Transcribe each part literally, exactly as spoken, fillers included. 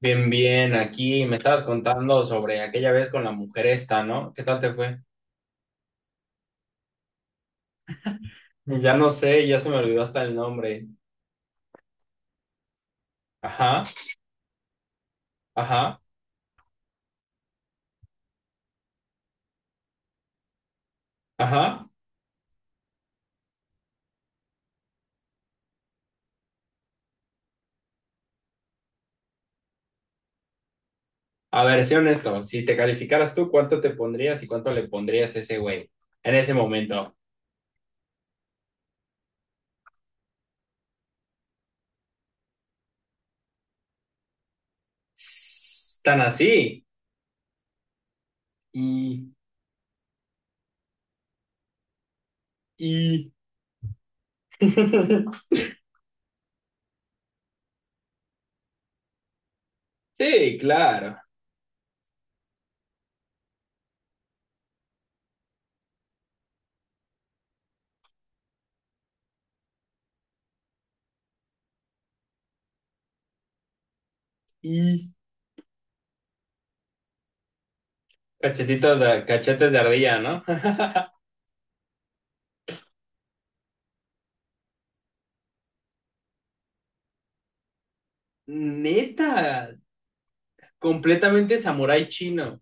Bien, bien, aquí me estabas contando sobre aquella vez con la mujer esta, ¿no? ¿Qué tal te fue? Ya no sé, ya se me olvidó hasta el nombre. Ajá, ajá, ajá. A ver, sé honesto, si te calificaras tú, ¿cuánto te pondrías y cuánto le pondrías a ese güey en ese momento? S- Tan así. Y, y. Sí, claro. Y. Cachetitos de, cachetes de ardilla, ¿no? Neta, completamente samurái chino.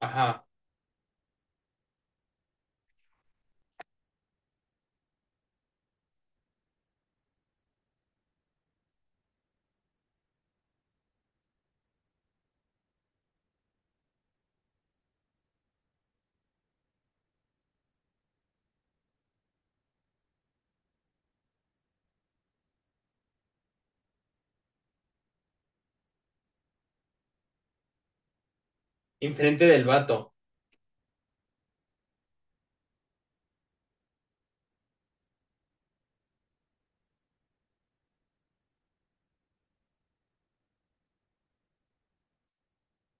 Ajá. Enfrente del vato.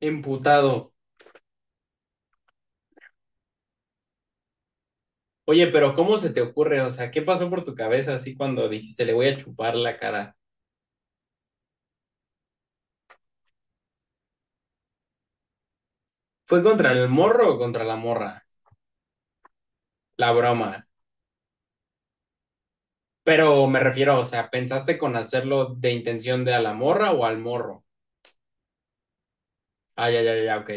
Emputado. Oye, pero ¿cómo se te ocurre? O sea, ¿qué pasó por tu cabeza así cuando dijiste le voy a chupar la cara? ¿Fue contra el morro o contra la morra? La broma. Pero me refiero, o sea, ¿pensaste con hacerlo de intención de a la morra o al morro? Ah, ya, ya, ya, ok.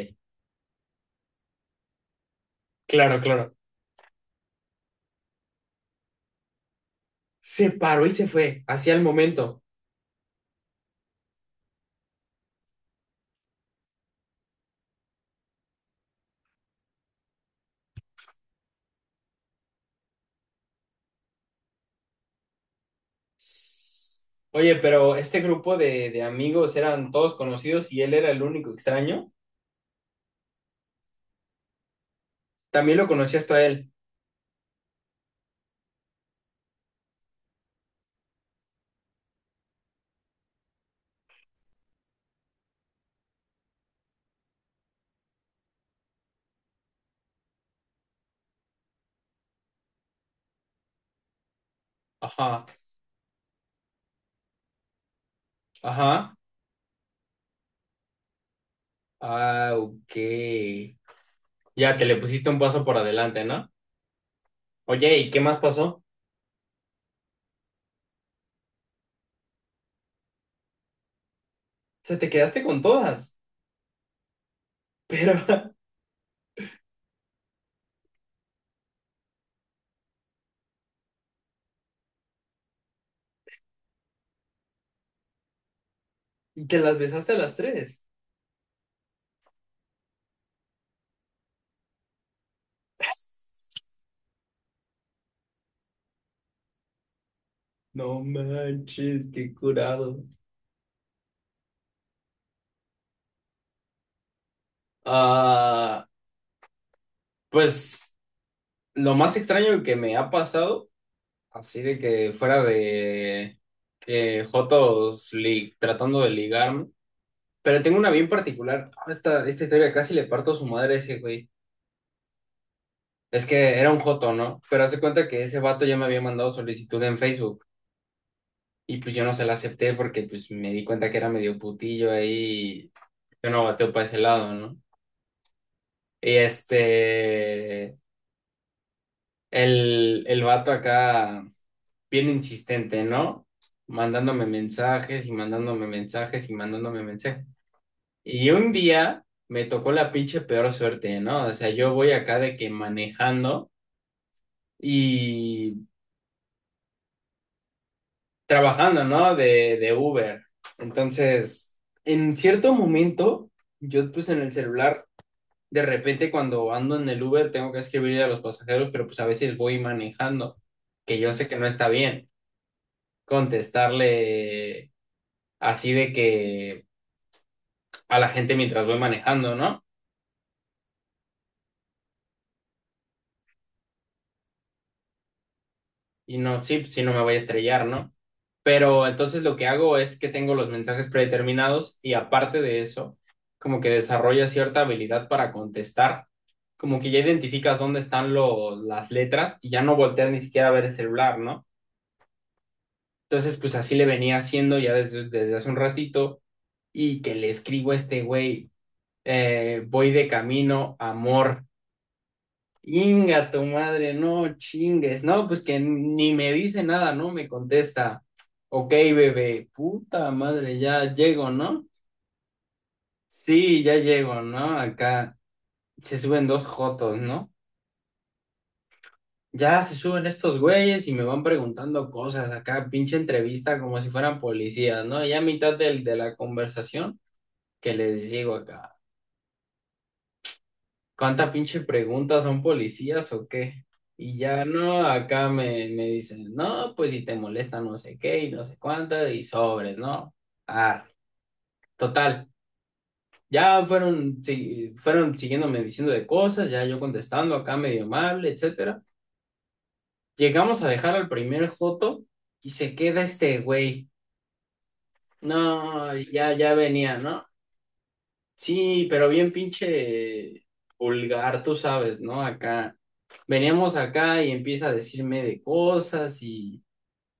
Claro, claro. Se paró y se fue, hacia el momento. Oye, pero este grupo de, de amigos eran todos conocidos y él era el único extraño. También lo conocías tú a él. Ajá, ajá. Ah, ok. Ya, que le pusiste un paso por adelante, ¿no? Oye, ¿y qué más pasó? O sea, te quedaste con todas, pero y que las besaste a las tres. No manches, qué curado. Ah, pues lo más extraño que me ha pasado, así de que fuera de que Jotos li- tratando de ligarme, pero tengo una bien particular. Ah, Esta, esta historia casi le parto a su madre a ese güey. Es que era un joto, ¿no? Pero hace cuenta que ese vato ya me había mandado solicitud en Facebook y pues yo no se la acepté porque pues me di cuenta que era medio putillo ahí y yo no bateo para ese lado, ¿no? Y este, el, el vato acá, bien insistente, ¿no? Mandándome mensajes y mandándome mensajes y mandándome mensajes. Y un día me tocó la pinche peor suerte, ¿no? O sea, yo voy acá de que manejando y trabajando, ¿no? De, de Uber. Entonces, en cierto momento, yo pues en el celular, de repente cuando ando en el Uber, tengo que escribirle a los pasajeros, pero pues a veces voy manejando, que yo sé que no está bien contestarle así de que a la gente mientras voy manejando, ¿no? Y no, sí, sí, no me voy a estrellar, ¿no? Pero entonces lo que hago es que tengo los mensajes predeterminados y aparte de eso, como que desarrolla cierta habilidad para contestar, como que ya identificas dónde están los, las letras y ya no volteas ni siquiera a ver el celular, ¿no? Entonces, pues así le venía haciendo ya desde, desde hace un ratito y que le escribo a este güey, eh, voy de camino, amor. Inga tu madre, no chingues. No, pues que ni me dice nada, no me contesta. Ok, bebé, puta madre, ya llego, ¿no? Sí, ya llego, ¿no? Acá se suben dos jotos, ¿no? Ya se suben estos güeyes y me van preguntando cosas acá, pinche entrevista como si fueran policías, ¿no? Ya a mitad del- de la conversación que les digo acá. ¿Cuánta pinche pregunta son policías o qué? Y ya no, acá me, me dicen, no, pues si te molesta no sé qué y no sé cuánto y sobres, ¿no? Ah, total. Ya fueron, sí, fueron siguiéndome diciendo de cosas, ya yo contestando acá medio amable, etcétera. Llegamos a dejar al primer joto y se queda este güey. No, ya, ya venía, ¿no? Sí, pero bien pinche vulgar, tú sabes, ¿no? Acá veníamos acá y empieza a decirme de cosas y,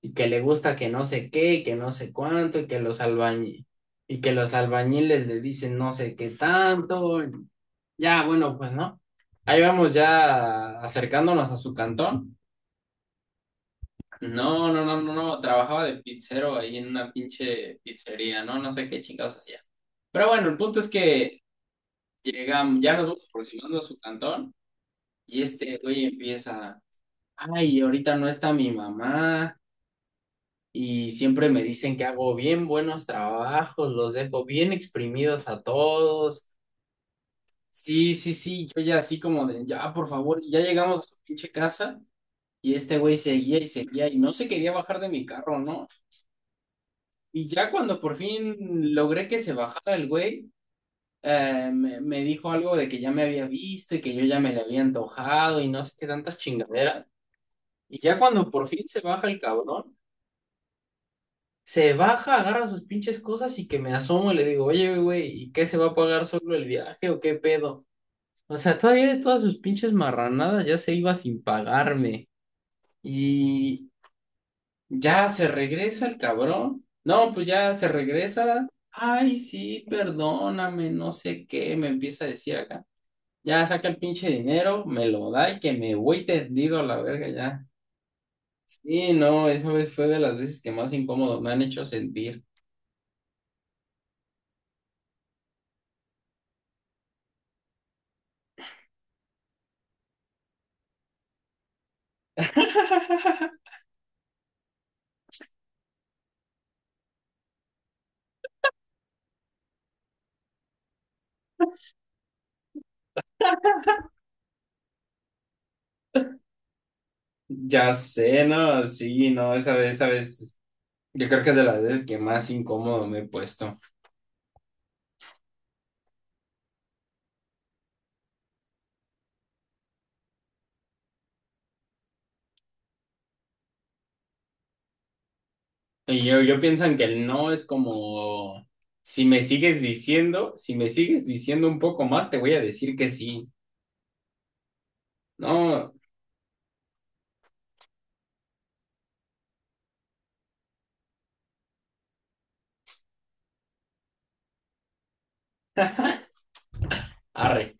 y que le gusta que no sé qué, y que no sé cuánto, y que los albañiles, y que los albañiles, le dicen no sé qué tanto. Ya, bueno, pues no. Ahí vamos ya acercándonos a su cantón. No, no, no, no, no, trabajaba de pizzero ahí en una pinche pizzería, ¿no? No sé qué chingados hacía. Pero bueno, el punto es que llegan, ya nos vamos aproximando a su cantón y este güey empieza, ay, ahorita no está mi mamá y siempre me dicen que hago bien buenos trabajos, los dejo bien exprimidos a todos. Sí, sí, sí, yo ya así como de, ya, por favor, ya llegamos a su pinche casa y este güey seguía y seguía y no se quería bajar de mi carro, ¿no? Y ya cuando por fin logré que se bajara el güey, eh, me, me dijo algo de que ya me había visto y que yo ya me le había antojado y no sé qué tantas chingaderas. Y ya cuando por fin se baja el cabrón, se baja, agarra sus pinches cosas y que me asomo y le digo, oye, güey, ¿y qué se va a pagar solo el viaje o qué pedo? O sea, todavía de todas sus pinches marranadas ya se iba sin pagarme. Y ya se regresa el cabrón. No, pues ya se regresa. Ay, sí, perdóname, no sé qué, me empieza a decir acá. Ya saca el pinche dinero, me lo da y que me voy tendido a la verga ya. Sí, no, esa vez fue de las veces que más incómodo me han hecho sentir. Ya sé, no, sí, no, esa vez, esa vez, yo creo que es de las veces que más incómodo me he puesto. Y yo, yo pienso en que el no es como, si me sigues diciendo, si me sigues diciendo un poco más, te voy a decir que sí. No, arre.